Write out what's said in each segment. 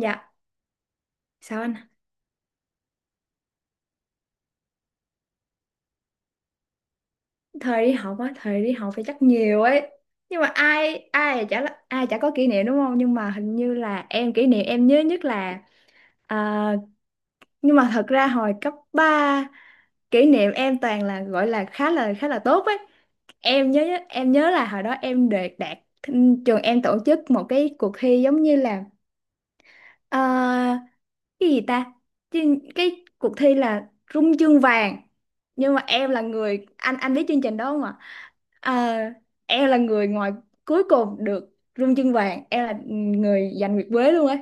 Dạ, sao anh? Thời đi học á, thời đi học thì chắc nhiều ấy. Nhưng mà ai ai chả là- ai chả có kỷ niệm đúng không? Nhưng mà hình như là em kỷ niệm em nhớ nhất là à, nhưng mà thật ra hồi cấp 3 kỷ niệm em toàn là gọi là khá là tốt ấy. Em nhớ em nhớ là hồi đó em được đạt, trường em tổ chức một cái cuộc thi giống như là Ờ, cái gì ta? Cái cuộc thi là Rung chương vàng, nhưng mà em là người, anh biết chương trình đó không ạ? Ờ, em là người ngoài cuối cùng được rung chương vàng, em là người giành nguyệt quế luôn ấy.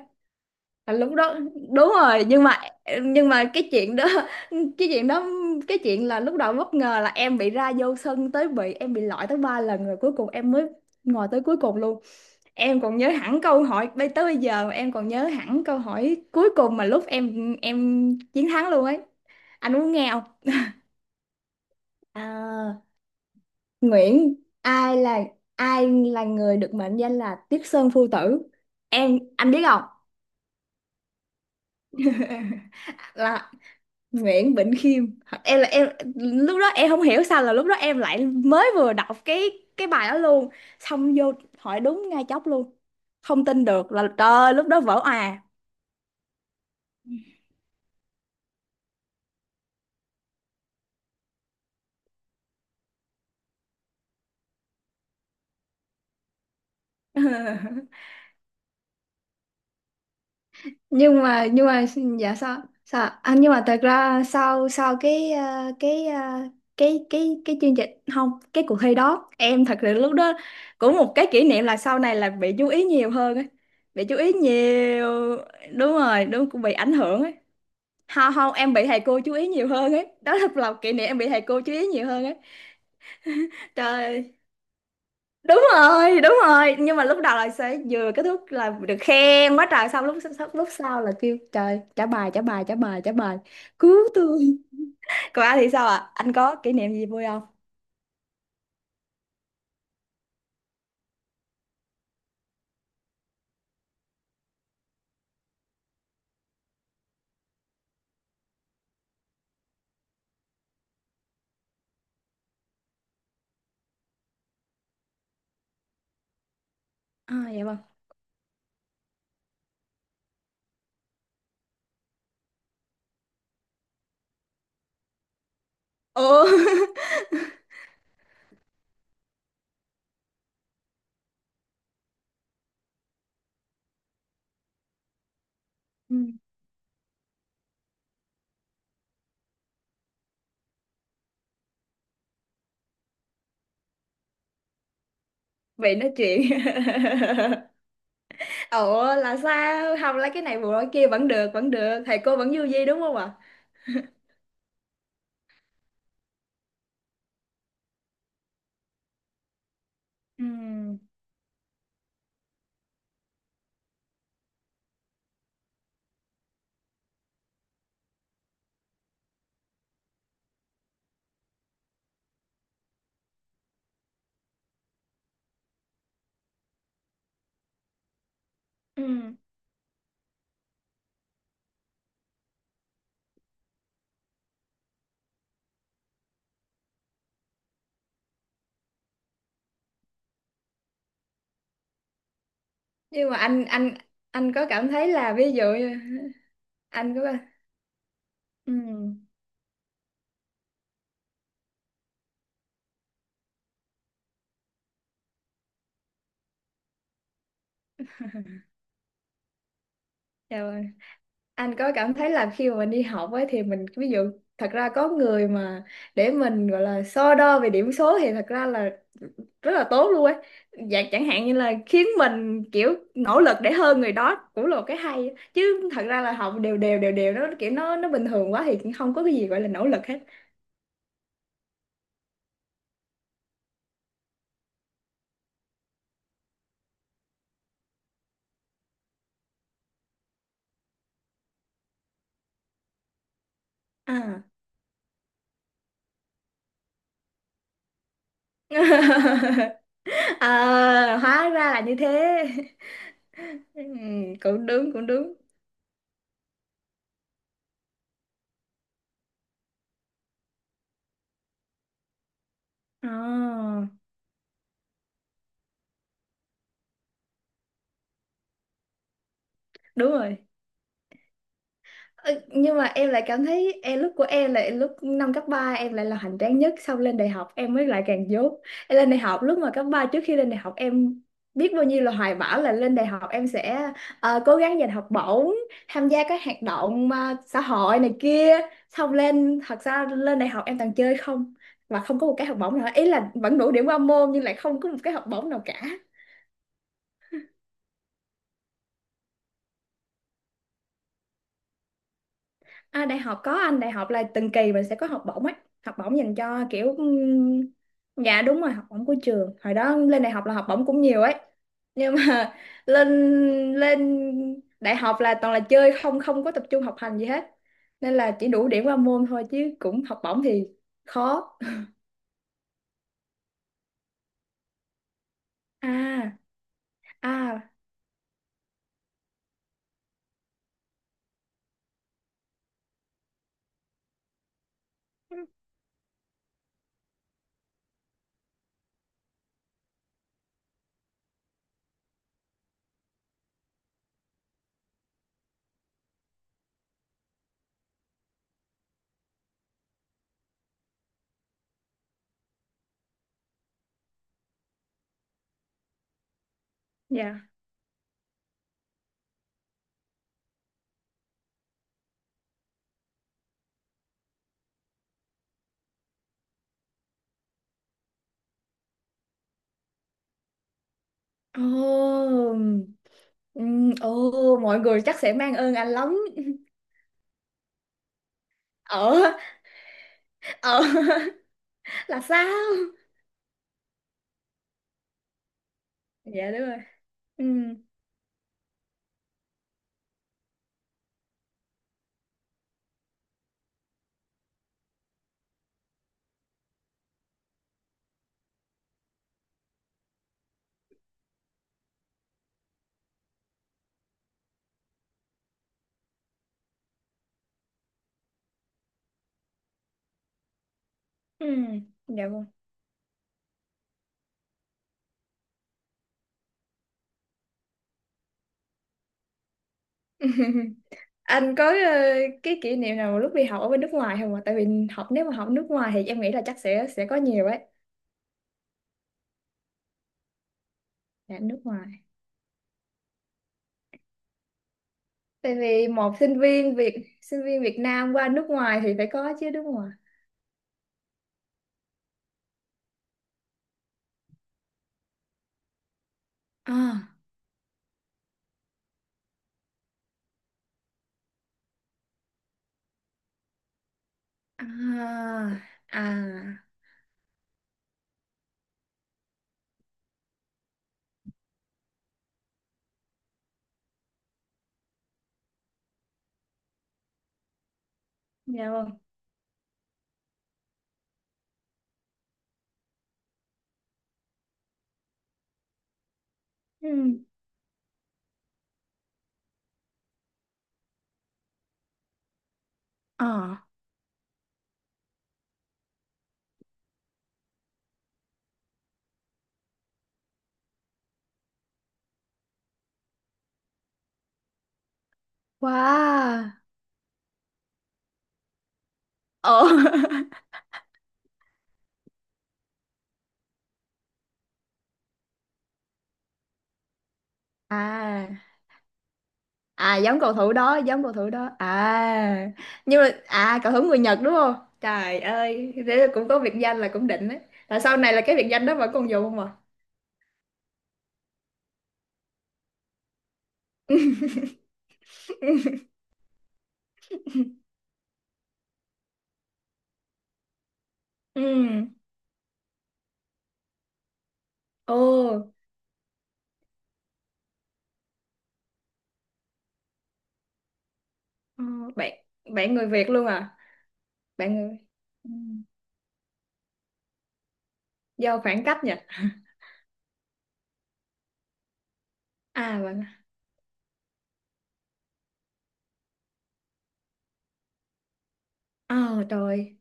Là lúc đó đúng rồi, nhưng mà nhưng mà cái chuyện đó cái chuyện đó cái chuyện là lúc đầu bất ngờ là em bị ra vô sân tới, bị em bị loại tới ba lần, rồi cuối cùng em mới ngồi tới cuối cùng luôn. Em còn nhớ hẳn câu hỏi, bây giờ em còn nhớ hẳn câu hỏi cuối cùng mà lúc em chiến thắng luôn ấy. Anh muốn nghe không? À, Nguyễn, ai là ai là người được mệnh danh là Tiết Sơn Phu Tử? Em, anh biết không? Là Nguyễn Bỉnh Khiêm. Em là em lúc đó em không hiểu sao là lúc đó em lại mới vừa đọc cái bài đó luôn, xong vô hỏi đúng ngay chốc luôn. Không tin được là trời ơi, lúc đó vỡ òa. Nhưng mà dạ sao sao ạ? À, nhưng mà thật ra sau sau cái ờ, cái ờ, cái chương trình không cái cuộc thi đó em thật sự lúc đó cũng một cái kỷ niệm là sau này là bị chú ý nhiều hơn ấy, bị chú ý nhiều đúng rồi, đúng, cũng bị ảnh hưởng ấy. Không, không, em bị thầy cô chú ý nhiều hơn ấy, đó là một kỷ niệm, em bị thầy cô chú ý nhiều hơn ấy. Trời ơi, đúng rồi đúng rồi, nhưng mà lúc đầu là sẽ vừa kết thúc là được khen quá trời, xong lúc sau là kêu trời, trả bài, cứu tôi. Còn anh thì sao ạ? À, anh có kỷ niệm gì vui không? À dạ vâng, ồ Ừ, vậy nói chuyện ủa là sao, không lấy cái này bù lỗi kia, vẫn được, vẫn được, thầy cô vẫn vui vui đúng không ạ? Ừ. Ừ. Nhưng mà anh có cảm thấy là ví dụ như anh có, ừ. Dạ vâng. Anh có cảm thấy là khi mà mình đi học ấy thì mình ví dụ, thật ra có người mà để mình gọi là so đo về điểm số thì thật ra là rất là tốt luôn ấy. Dạ, chẳng hạn như là khiến mình kiểu nỗ lực để hơn người đó cũng là một cái hay ấy. Chứ thật ra là học đều đều nó kiểu nó bình thường quá thì không có cái gì gọi là nỗ lực hết. À, à hóa ra là như thế. Cũng đúng, à, đúng rồi. Ừ, nhưng mà em lại cảm thấy em, lúc của em là lúc năm cấp 3 em lại là hoành tráng nhất, xong lên đại học em mới lại càng dốt. Em lên đại học, lúc mà cấp 3 trước khi lên đại học, em biết bao nhiêu là hoài bão là lên đại học em sẽ cố gắng giành học bổng, tham gia các hoạt động xã hội này kia. Xong lên, thật ra lên đại học em toàn chơi không, và không có một cái học bổng nào, ý là vẫn đủ điểm qua môn nhưng lại không có một cái học bổng nào cả. À, đại học có, anh, đại học là từng kỳ mình sẽ có học bổng ấy, học bổng dành cho kiểu dạ đúng rồi, học bổng của trường, hồi đó lên đại học là học bổng cũng nhiều ấy, nhưng mà lên lên đại học là toàn là chơi không, không có tập trung học hành gì hết, nên là chỉ đủ điểm qua môn thôi, chứ cũng học bổng thì khó. À, à dạ, ồ ồ mọi người chắc sẽ mang ơn anh lắm. Ở ở là sao? Dạ đúng rồi, ừ, ừ, dạ vâng. Anh có cái kỷ niệm nào lúc đi học ở bên nước ngoài không ạ? Tại vì học, nếu mà học nước ngoài thì em nghĩ là chắc sẽ có nhiều ấy. Dạ nước ngoài, tại vì một sinh viên Việt Nam qua nước ngoài thì phải có chứ đúng không ạ? À à à, dạ vâng, ừ, ờ, wow, ờ à, à giống cầu thủ đó, à, nhưng mà à cầu thủ người Nhật đúng không? Trời ơi thế là cũng có biệt danh, là cũng đỉnh đấy. Là sau này là cái biệt danh đó vẫn còn dùng không à? ừ, ồ, Ờ, bạn bạn người Việt luôn à? Bạn người, ừ. Do khoảng cách nhỉ. À bạn, ờ trời,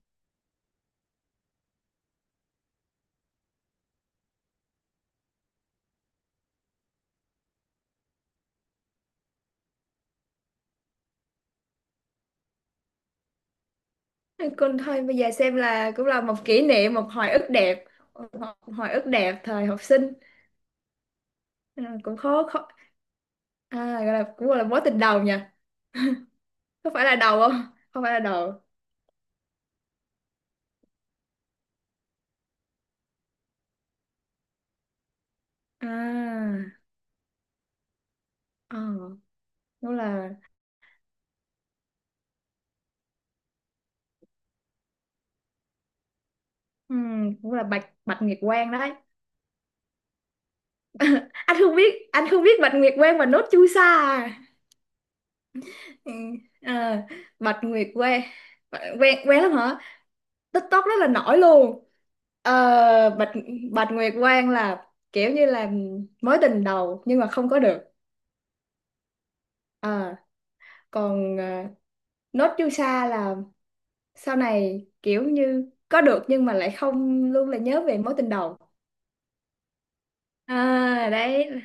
con thôi bây giờ xem là cũng là một kỷ niệm, một hồi ức đẹp. Một hồi ức đẹp thời học sinh. Ừ, cũng khó khó. À, gọi là cũng gọi là mối tình đầu nhỉ, có phải là đầu không? Không phải là đầu à? Ờ, đúng là, cũng là bạch bạch nguyệt quang đấy. Anh không biết, anh không biết bạch nguyệt quang và nốt chu sa à? Ừ. À, bạch nguyệt quang, quen quen lắm hả? TikTok rất là nổi luôn. Ờ, bạch bạch nguyệt quang là kiểu như là mối tình đầu nhưng mà không có được. Ờ, còn ờ, nốt chu sa là sau này kiểu như có được nhưng mà lại không, luôn là nhớ về mối tình đầu. À, đấy,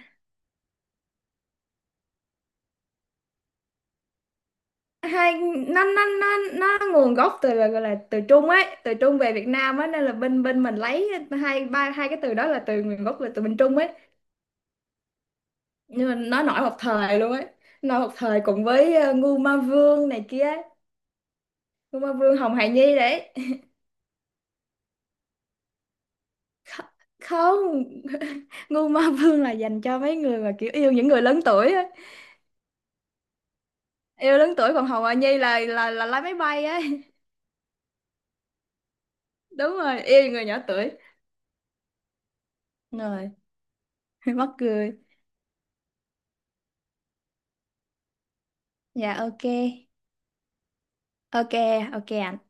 hai nó nó nguồn gốc từ là gọi là từ Trung ấy, từ Trung về Việt Nam á nên là bên bên mình lấy. Hai cái từ đó là từ nguồn gốc là từ bên Trung ấy, nhưng mà nó nổi một thời luôn ấy. Nổi một thời cùng với Ngu Ma Vương này kia ấy. Ngu Ma Vương, Hồng Hài Nhi đấy. Kh- Không, Ngu Ma Vương là dành cho mấy người mà kiểu yêu những người lớn tuổi ấy. Yêu lớn tuổi, còn Hồng Hài Nhi là là lái máy bay ấy. Đúng rồi, yêu người nhỏ tuổi. Rồi mắc cười. Dạ ok. Ok, ok anh.